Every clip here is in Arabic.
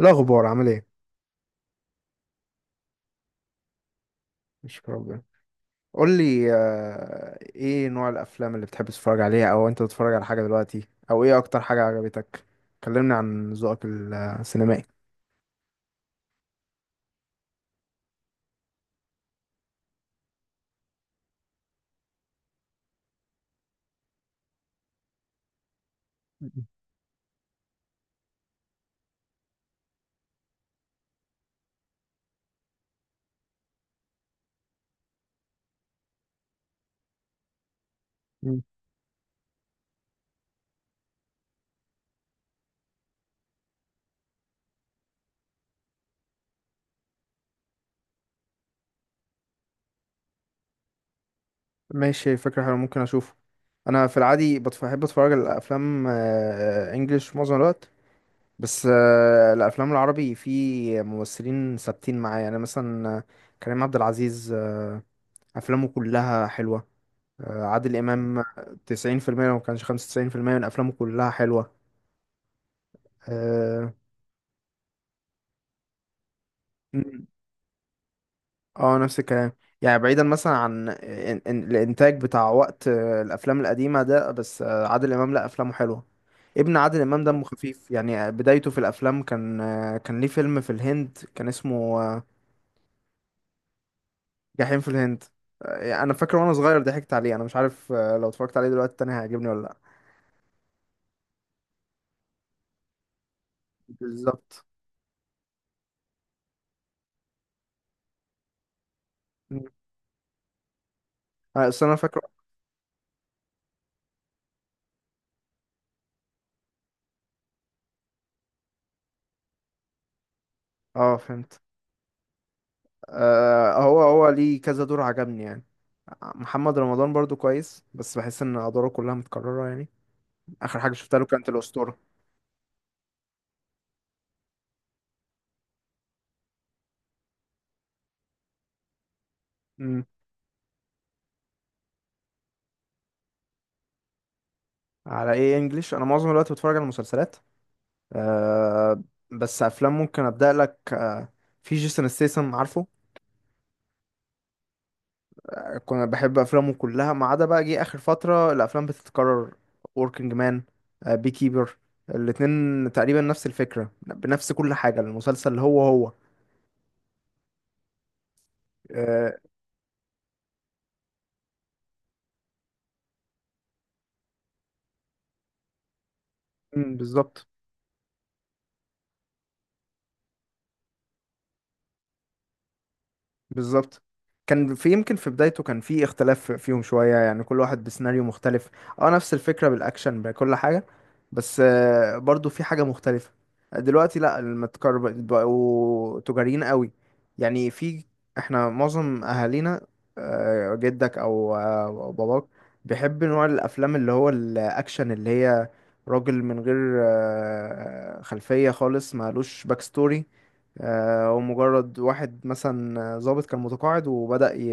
إيه الأخبار، عامل ايه؟ مش ربنا قول لي. ايه نوع الأفلام اللي بتحب تتفرج عليها، أو أنت بتتفرج على حاجة دلوقتي، أو ايه أكتر حاجة عجبتك؟ كلمني عن ذوقك السينمائي. مم. ماشي، فكرة حلوة، ممكن أشوفه. أنا في العادي بحب أتفرج على أفلام إنجلش معظم الوقت. بس الأفلام العربي في ممثلين ثابتين معايا، يعني مثلا كريم عبد العزيز، أفلامه كلها حلوة. عادل إمام، 90% لو ما كانش 95% من أفلامه كلها حلوة. آه. مم. نفس الكلام، يعني بعيدا مثلا عن الإنتاج بتاع وقت الأفلام القديمة ده، بس عادل إمام لأ، أفلامه حلوة. ابن عادل إمام دمه خفيف، يعني بدايته في الأفلام كان ليه فيلم في الهند كان اسمه جحيم في الهند. أنا فاكر وأنا صغير ضحكت عليه، أنا مش عارف لو اتفرجت عليه دلوقتي تاني هيعجبني ولا لأ. بالظبط. مم. أصل أنا فاكره. آه فهمت. هو ليه كذا دور، عجبني يعني. محمد رمضان برضو كويس، بس بحس ان ادواره كلها متكرره يعني. اخر حاجه شفتها له كانت الاسطوره. امم على ايه انجليش؟ انا معظم الوقت بتفرج على مسلسلات. أه بس افلام ممكن ابدا لك. في جيسون ستيسن، عارفه؟ كنا بحب افلامه كلها، ما عدا بقى جه اخر فتره الافلام بتتكرر. وركينج مان، بي كيبر، الاتنين تقريبا نفس الفكره، بنفس كل حاجه، المسلسل هو هو. أه. مم، بالظبط. بالظبط. كان في يمكن في بدايته كان في اختلاف فيهم شوية، يعني كل واحد بسيناريو مختلف. اه نفس الفكرة بالأكشن بكل حاجة، بس برضو في حاجة مختلفة. دلوقتي لا، المتكر بقوا تجاريين قوي. يعني في، احنا معظم أهالينا، جدك أو باباك، بيحب نوع الأفلام اللي هو الأكشن، اللي هي راجل من غير خلفية خالص، مالوش باك ستوري، ومجرد واحد مثلا ضابط كان متقاعد وبدأ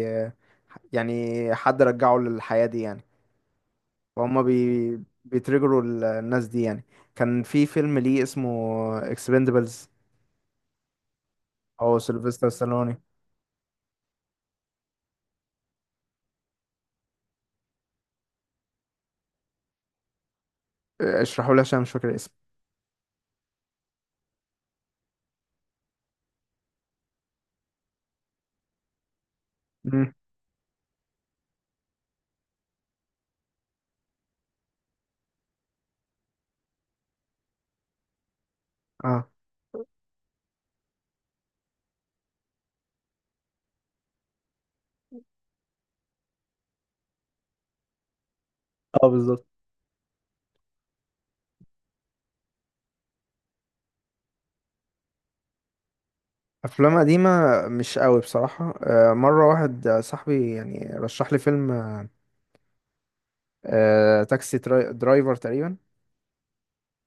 يعني حد رجعه للحياة دي يعني. فهم بيترجروا الناس دي يعني. كان في فيلم ليه اسمه اكسبندبلز، او سيلفستر ستالوني، اشرحوا لي عشان مش فاكر الاسم. مم. اه اه، بالظبط. افلام قديمة؟ مش قوي بصراحة. مرة واحد صاحبي يعني رشح لي فيلم تاكسي درايفر تقريبا.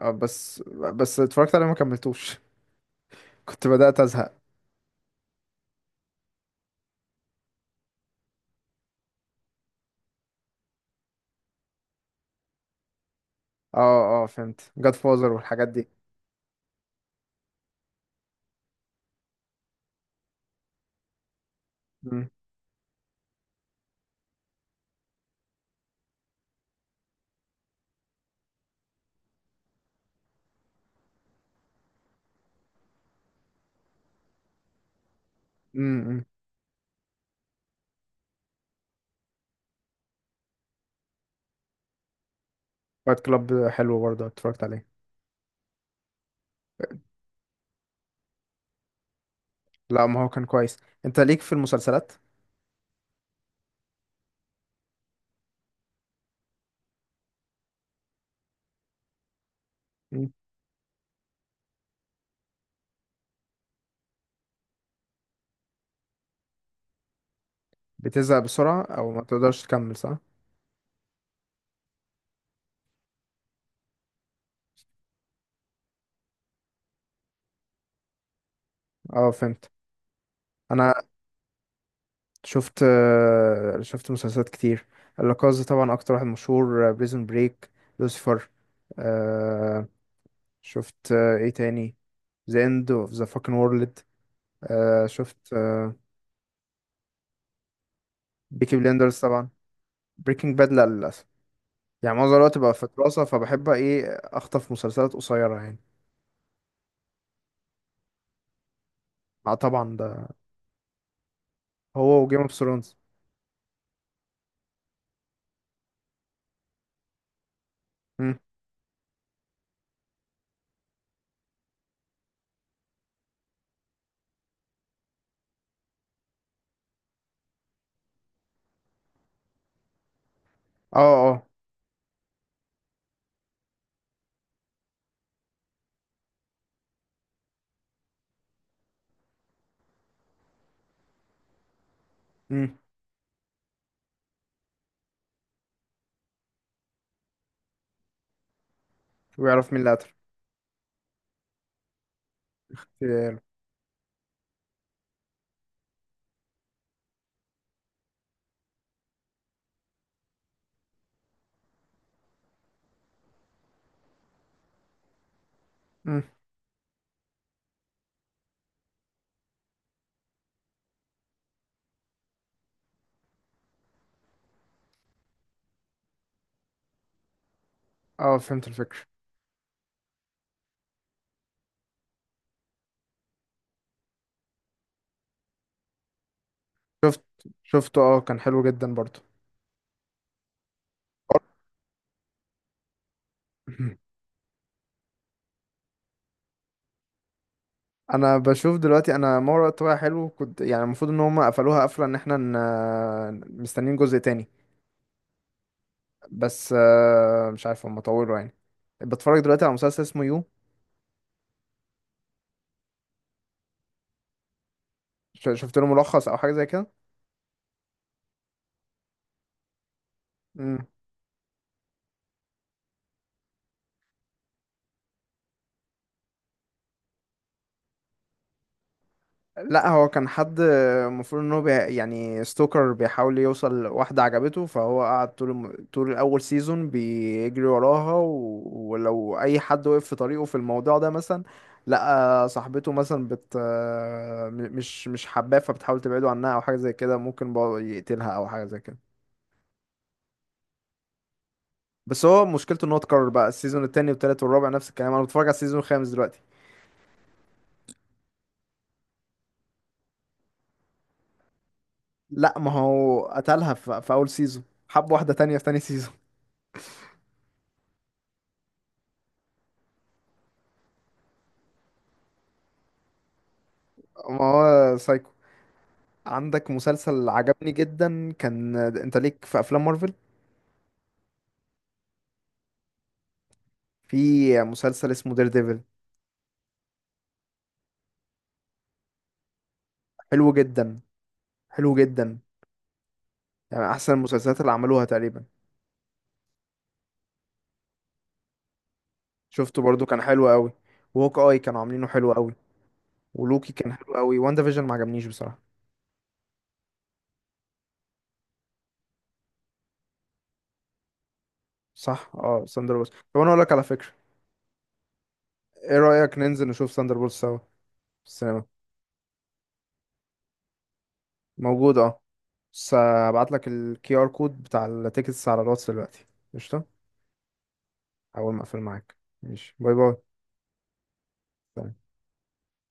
آه، بس بس اتفرجت عليه ما كملتوش. كنت بدأت ازهق. اه اه فهمت، جاد فازر والحاجات دي. امم امم فايت كلاب حلو، برضه اتفرجت عليه. لا، ما هو كان كويس. انت ليك في المسلسلات؟ مم. بتزهق بسرعة او ما تقدرش تكمل صح؟ اه فهمت. انا شفت مسلسلات كتير. لاكاز طبعا اكتر واحد مشهور، بريزون بريك، لوسيفر، آه شفت، ايه تاني، ذا اند اوف ذا فاكن وورلد، شفت، بيكي بليندرز طبعا. بريكنج باد لا للأسف، يعني معظم الوقت بقى في دراسة، فبحب ايه اخطف مسلسلات قصيرة يعني. اه طبعا ده، هو وجيم اوف ثرونز. اه اه. مم. ويعرف مين اللي قتل. في- مم. اه فهمت الفكرة. شفت شفته، اه كان حلو جدا برضه. انا بشوف دلوقتي. انا ما وراء الطبيعة حلو كنت، يعني المفروض ان هم قفلوها قفلة ان احنا مستنيين جزء تاني، بس مش عارف هم طولوا يعني. بتفرج دلوقتي على مسلسل اسمه يو. شفت له ملخص او حاجة زي كده؟ لا، هو كان حد المفروض ان هو يعني ستوكر بيحاول يوصل لواحدة عجبته، فهو قعد طول الاول سيزون بيجري وراها ولو اي حد وقف في طريقه في الموضوع ده، مثلا لقى صاحبته مثلا مش حباه فبتحاول تبعده عنها او حاجة زي كده، ممكن بقى يقتلها او حاجة زي كده. بس هو مشكلته ان هو اتكرر بقى، السيزون التاني والتالت والرابع نفس الكلام، انا بتفرج على السيزون الخامس دلوقتي. لا، ما هو قتلها في اول سيزون، حب واحدة تانية في تاني سيزون. ما هو سايكو. عندك مسلسل عجبني جدا كان، انت ليك في افلام مارفل؟ في مسلسل اسمه دير ديفل، حلو جدا، حلو جدا، يعني احسن المسلسلات اللي عملوها تقريبا. شفته برضو، كان حلو قوي. وهوك اي كانوا عاملينه حلو قوي، ولوكي كان حلو قوي، واندا فيجن ما عجبنيش بصراحة. صح، اه ساندر بولز. طب انا اقول لك على فكرة، ايه رأيك ننزل نشوف ساندر بولز سوا في السينما؟ موجود اه. بس هبعت لك الQR كود بتاع التيكتس على الواتس دلوقتي. قشطة. اول ما اقفل معاك. ماشي باي. باي.